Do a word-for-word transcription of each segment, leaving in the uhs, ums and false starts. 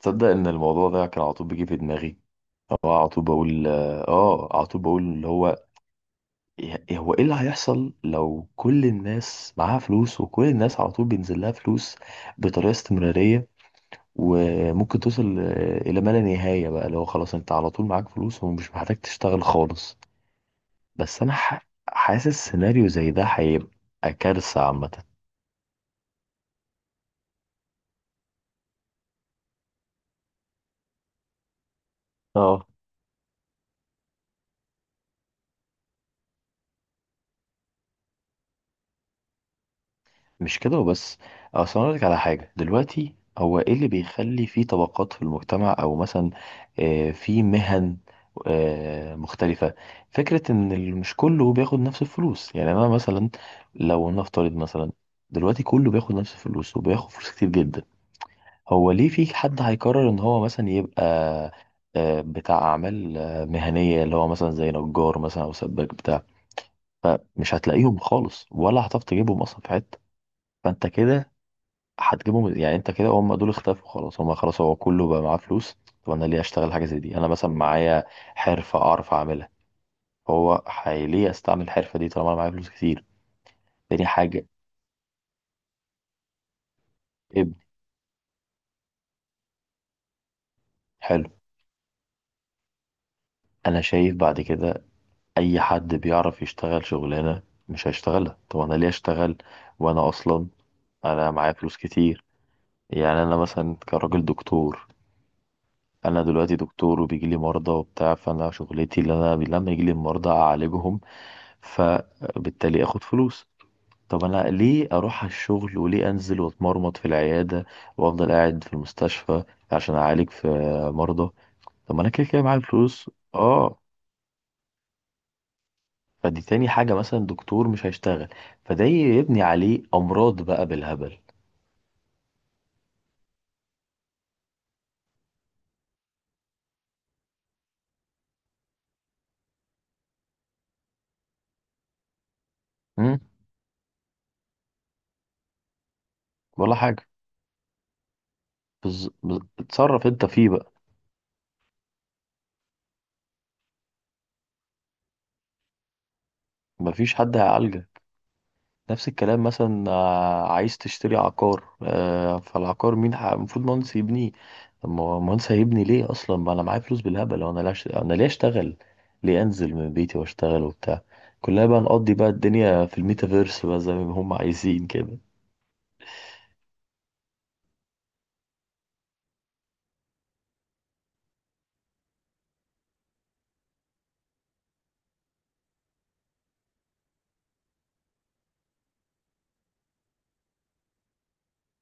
تصدق ان الموضوع ده كان على طول بيجي في دماغي؟ اه، على طول بقول. اه على طول بقول اللي هو إيه- هو ايه اللي هيحصل لو كل الناس معاها فلوس وكل الناس على طول بينزل لها فلوس بطريقة استمرارية، وممكن توصل آه، الى ما لا نهاية، بقى اللي هو خلاص انت على طول معاك فلوس ومش محتاج تشتغل خالص. بس انا ح- حاسس سيناريو زي ده هيبقى كارثة عامة. اه، مش كده وبس. أه، اصل انا أقولك على حاجه دلوقتي، هو ايه اللي بيخلي في طبقات في المجتمع، او مثلا آه، في مهن آه، مختلفه؟ فكره ان ال- مش كله بياخد نفس الفلوس. يعني انا مثلا، لو نفترض مثلا دلوقتي كله بياخد نفس الفلوس وبياخد فلوس كتير جدا، هو ليه في حد هيقرر ان هو مثلا يبقى آه، بتاع اعمال آه، مهنيه، اللي هو مثلا زي نجار مثلا او سباك بتاع؟ فمش هتلاقيهم خالص ولا هتعرف تجيبهم اصلا في حته. فانت كده هتجيبهم، يعني انت كده هم دول اختفوا خلاص، هم خلاص هو كله بقى معاه فلوس. طب انا ليه اشتغل حاجه زي دي؟ انا مثلا معايا حرفه اعرف اعملها، هو حي- ليه استعمل الحرفه دي طالما انا معايا فلوس كتير؟ تاني حاجه، ابني. حلو. انا شايف بعد كده اي حد بيعرف يشتغل شغلانه مش هيشتغلها. طب انا ليه اشتغل وانا اصلا انا معايا فلوس كتير؟ يعني انا مثلا كراجل دكتور، انا دلوقتي دكتور وبيجي لي مرضى وبتاع، فانا شغلتي اللي انا لما يجي لي المرضى اعالجهم فبالتالي اخد فلوس. طب انا ليه اروح على الشغل وليه انزل واتمرمط في العياده وافضل قاعد في المستشفى عشان اعالج في مرضى؟ طب ما انا كده كده معايا فلوس. اه، فدي تاني حاجه، مثلا دكتور مش هيشتغل، فده يبني عليه امراض بقى بالهبل. امم. ولا حاجه. بز... بز... اتصرف انت فيه بقى. مفيش حد هيعالجك. نفس الكلام، مثلا آه، عايز تشتري عقار، آه، فالعقار مين ح- المفروض مهندس يبنيه؟ طب ما هو مهندس هيبني ليه اصلا ما انا معايا فلوس بالهبل، وانا لا أش- انا ليه اشتغل؟ ليه انزل من بيتي واشتغل وبتاع؟ كلها بقى، نقضي بقى الدنيا في الميتافيرس بقى زي ما هم عايزين كده.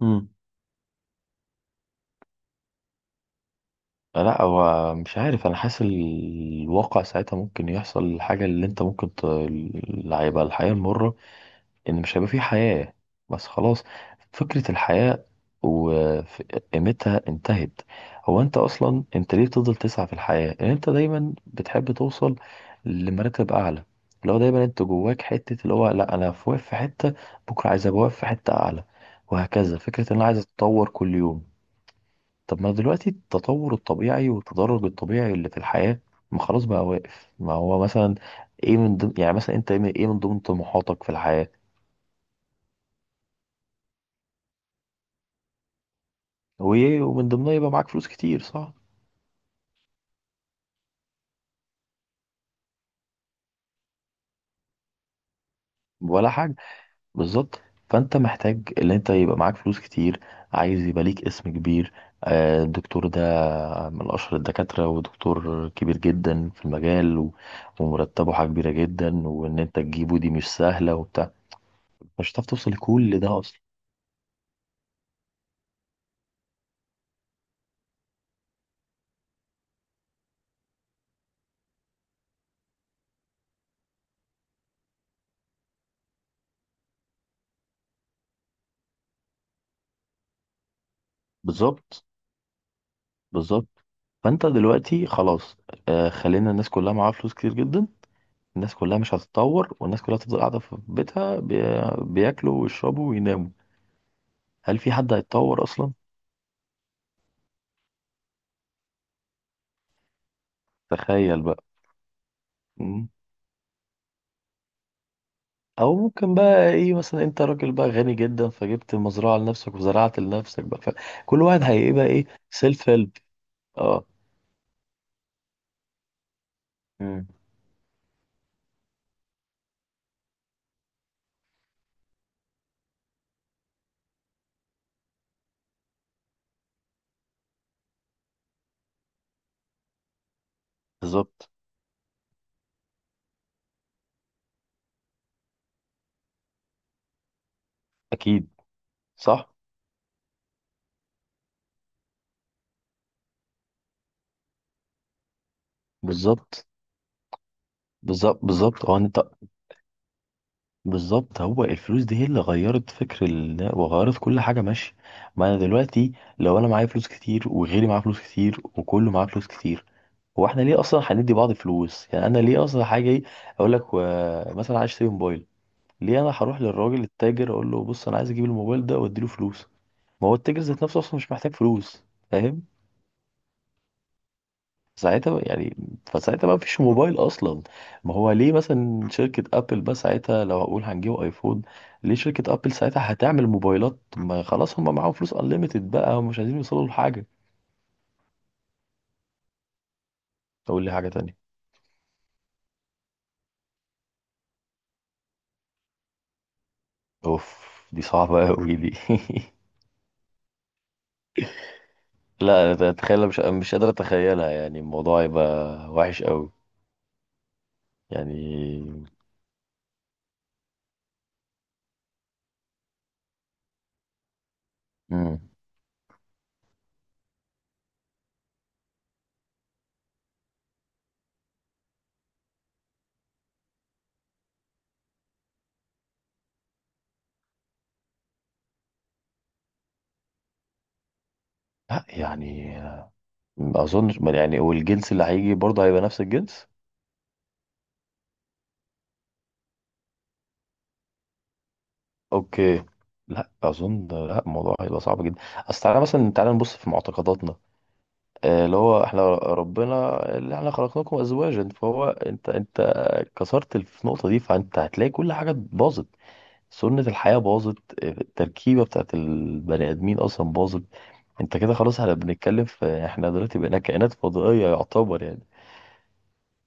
مم. لا، هو مش عارف، انا حاسس ال- الواقع ساعتها ممكن يحصل الحاجة اللي انت ممكن ت... اللي هيبقى الحياة المرة، ان مش هيبقى في حياة. بس خلاص، فكرة الحياة وقيمتها انتهت. هو انت اصلا انت ليه بتفضل تسعى في الحياة؟ ان انت دايما بتحب توصل لمراتب اعلى، اللي هو دايما انت جواك حتة اللي هو، لا انا في واقف في حتة، بكرة عايز ابقى واقف في حتة اعلى، وهكذا. فكرة ان انا عايز اتطور كل يوم. طب ما دلوقتي التطور الطبيعي والتدرج الطبيعي اللي في الحياة، ما خلاص بقى واقف. ما هو مثلا ايه من ضمن، يعني مثلا انت ايه من ضمن طموحاتك في الحياة؟ وايه ومن ضمنها يبقى معاك فلوس كتير، صح؟ ولا حاجه. بالظبط. فانت محتاج ان انت يبقى معاك فلوس كتير، عايز يبقى ليك اسم كبير، آه، الدكتور ده من اشهر الدكاتره ودكتور كبير جدا في المجال، و- ومرتبه حاجه كبيره جدا، وان انت تجيبه دي مش سهله وبتاع. مش هتعرف توصل لكل ده اصلا. بالظبط. بالظبط فانت دلوقتي خلاص، آه، خلينا الناس كلها معاها فلوس كتير جدا. الناس كلها مش هتتطور، والناس كلها تفضل قاعده في بيتها بي- بياكلوا ويشربوا ويناموا. هل في حد هيتطور اصلا؟ تخيل بقى. مم. او ممكن بقى ايه، مثلا انت راجل بقى غني جدا فجبت مزرعه لنفسك وزرعت لنفسك بقى، فكل واحد هيبقى ايه؟ سيلف هيلب. اه. مم. بالظبط. اكيد. صح. بالظبط بالظبط بالظبط هو انت، بالظبط. هو الفلوس دي هي اللي غيرت فكر ال... وغيرت كل حاجه. ماشي، ما انا دلوقتي لو انا معايا فلوس كتير وغيري معاه فلوس كتير وكله معاه فلوس كتير، هو احنا ليه اصلا هندي بعض فلوس؟ يعني انا ليه اصلا هاجي اقول لك و... مثلا عايز اشتري موبايل، ليه انا هروح للراجل التاجر اقول له بص انا عايز اجيب الموبايل ده واديله فلوس؟ ما هو التاجر ذات نفسه اصلا مش محتاج فلوس. فاهم؟ ساعتها بقى، يعني فساعتها ما فيش موبايل اصلا. ما هو ليه مثلا شركة ابل بقى ساعتها، لو هقول هنجيب ايفون، ليه شركة ابل ساعتها هتعمل موبايلات؟ ما خلاص هم معاهم فلوس انليميتد بقى ومش عايزين يوصلوا لحاجة. اقول لي حاجة تانية. اوف، دي صعبة قوي دي. لا أنا اتخيل، مش مش قادر اتخيلها، يعني الموضوع يبقى وحش قوي يعني. مم. لا يعني، ما اظنش، ما يعني والجنس اللي هيجي برضه هيبقى نفس الجنس. اوكي. لا اظن، لا الموضوع هيبقى صعب جدا. اصل تعالى مثلا، تعالى نبص في معتقداتنا، آه، اللي هو احنا، ربنا اللي احنا خلقناكم ازواجا، فهو انت، انت كسرت في النقطه دي، فانت هتلاقي كل حاجه باظت. سنه الحياه باظت، آه، التركيبه بتاعت البني ادمين اصلا باظت. انت كده خلاص، احنا بنتكلم في احنا دلوقتي بقينا كائنات فضائية يعتبر يعني.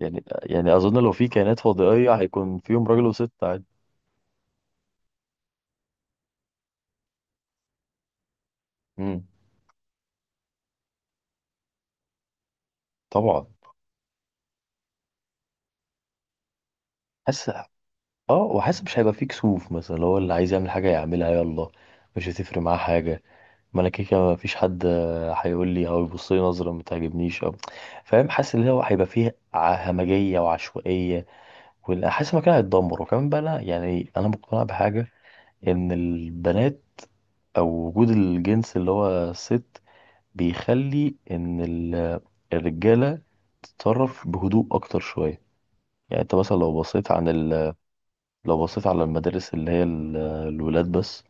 يعني يعني اظن لو في كائنات فضائية هيكون فيهم راجل وست عادي. امم. طبعا. حاسس، اه، وحاسس مش هيبقى فيه كسوف، مثلا لو هو اللي عايز يعمل حاجة يعملها يلا، مش هتفرق معاه حاجة. ما انا كده كده مفيش حد، آه، هيقول لي او يبص لي نظرة ما تعجبنيش او. فاهم؟ حاسس ان هو هيبقى فيه ع- همجية وعشوائية، وحاسس المكان هيتدمر. وكمان بقى، انا يعني انا مقتنع بحاجة، ان البنات او وجود الجنس اللي هو الست بيخلي ان ال- الرجاله تتصرف بهدوء اكتر شويه. يعني انت مثلا لو بصيت عن ال... لو بصيت على المدارس اللي هي ال- الولاد بس،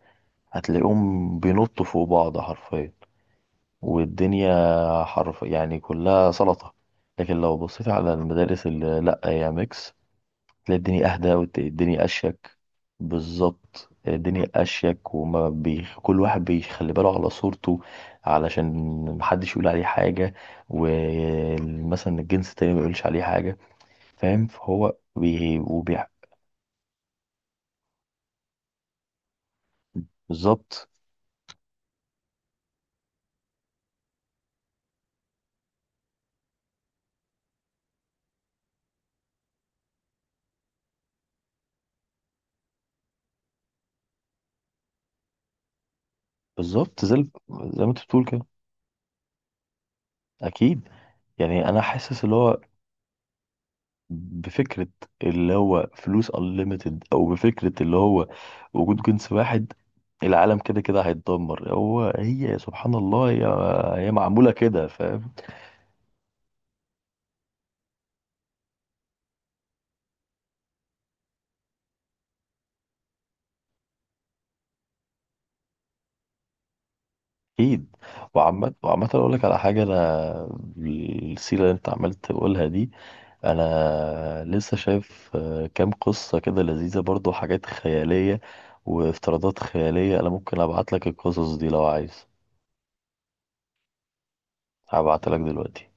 هتلاقيهم بينطوا فوق بعض حرفيا. والدنيا حرف يعني كلها سلطه. لكن لو بصيت على المدارس اللي لا هي ميكس، تلاقي الدنيا اهدى والدنيا اشيك. بالظبط، الدنيا اشيك وما بي... كل واحد بيخلي باله على صورته علشان محدش يقول عليه حاجه، ومثلا الجنس التاني ما يقولش عليه حاجه. فاهم؟ فهو بي... وبي... بالظبط. بالظبط زي ال- زي ما انت بتقول كده. اكيد. يعني انا حاسس اللي هو، بفكرة اللي هو فلوس unlimited، أو بفكرة اللي هو وجود جنس واحد، العالم كده كده هيتدمر. هو هي سبحان الله، هي هي معمولة كده. فاهم؟ أكيد. وعامة، وعامة أقول لك على حاجة، أنا السيرة اللي أنت عمال تقولها دي أنا لسه شايف آه، كام قصة كده لذيذة برضو، حاجات خيالية وافتراضات خيالية. أنا ممكن أبعت لك القصص دي لو عايز. هبعتها لك دلوقتي.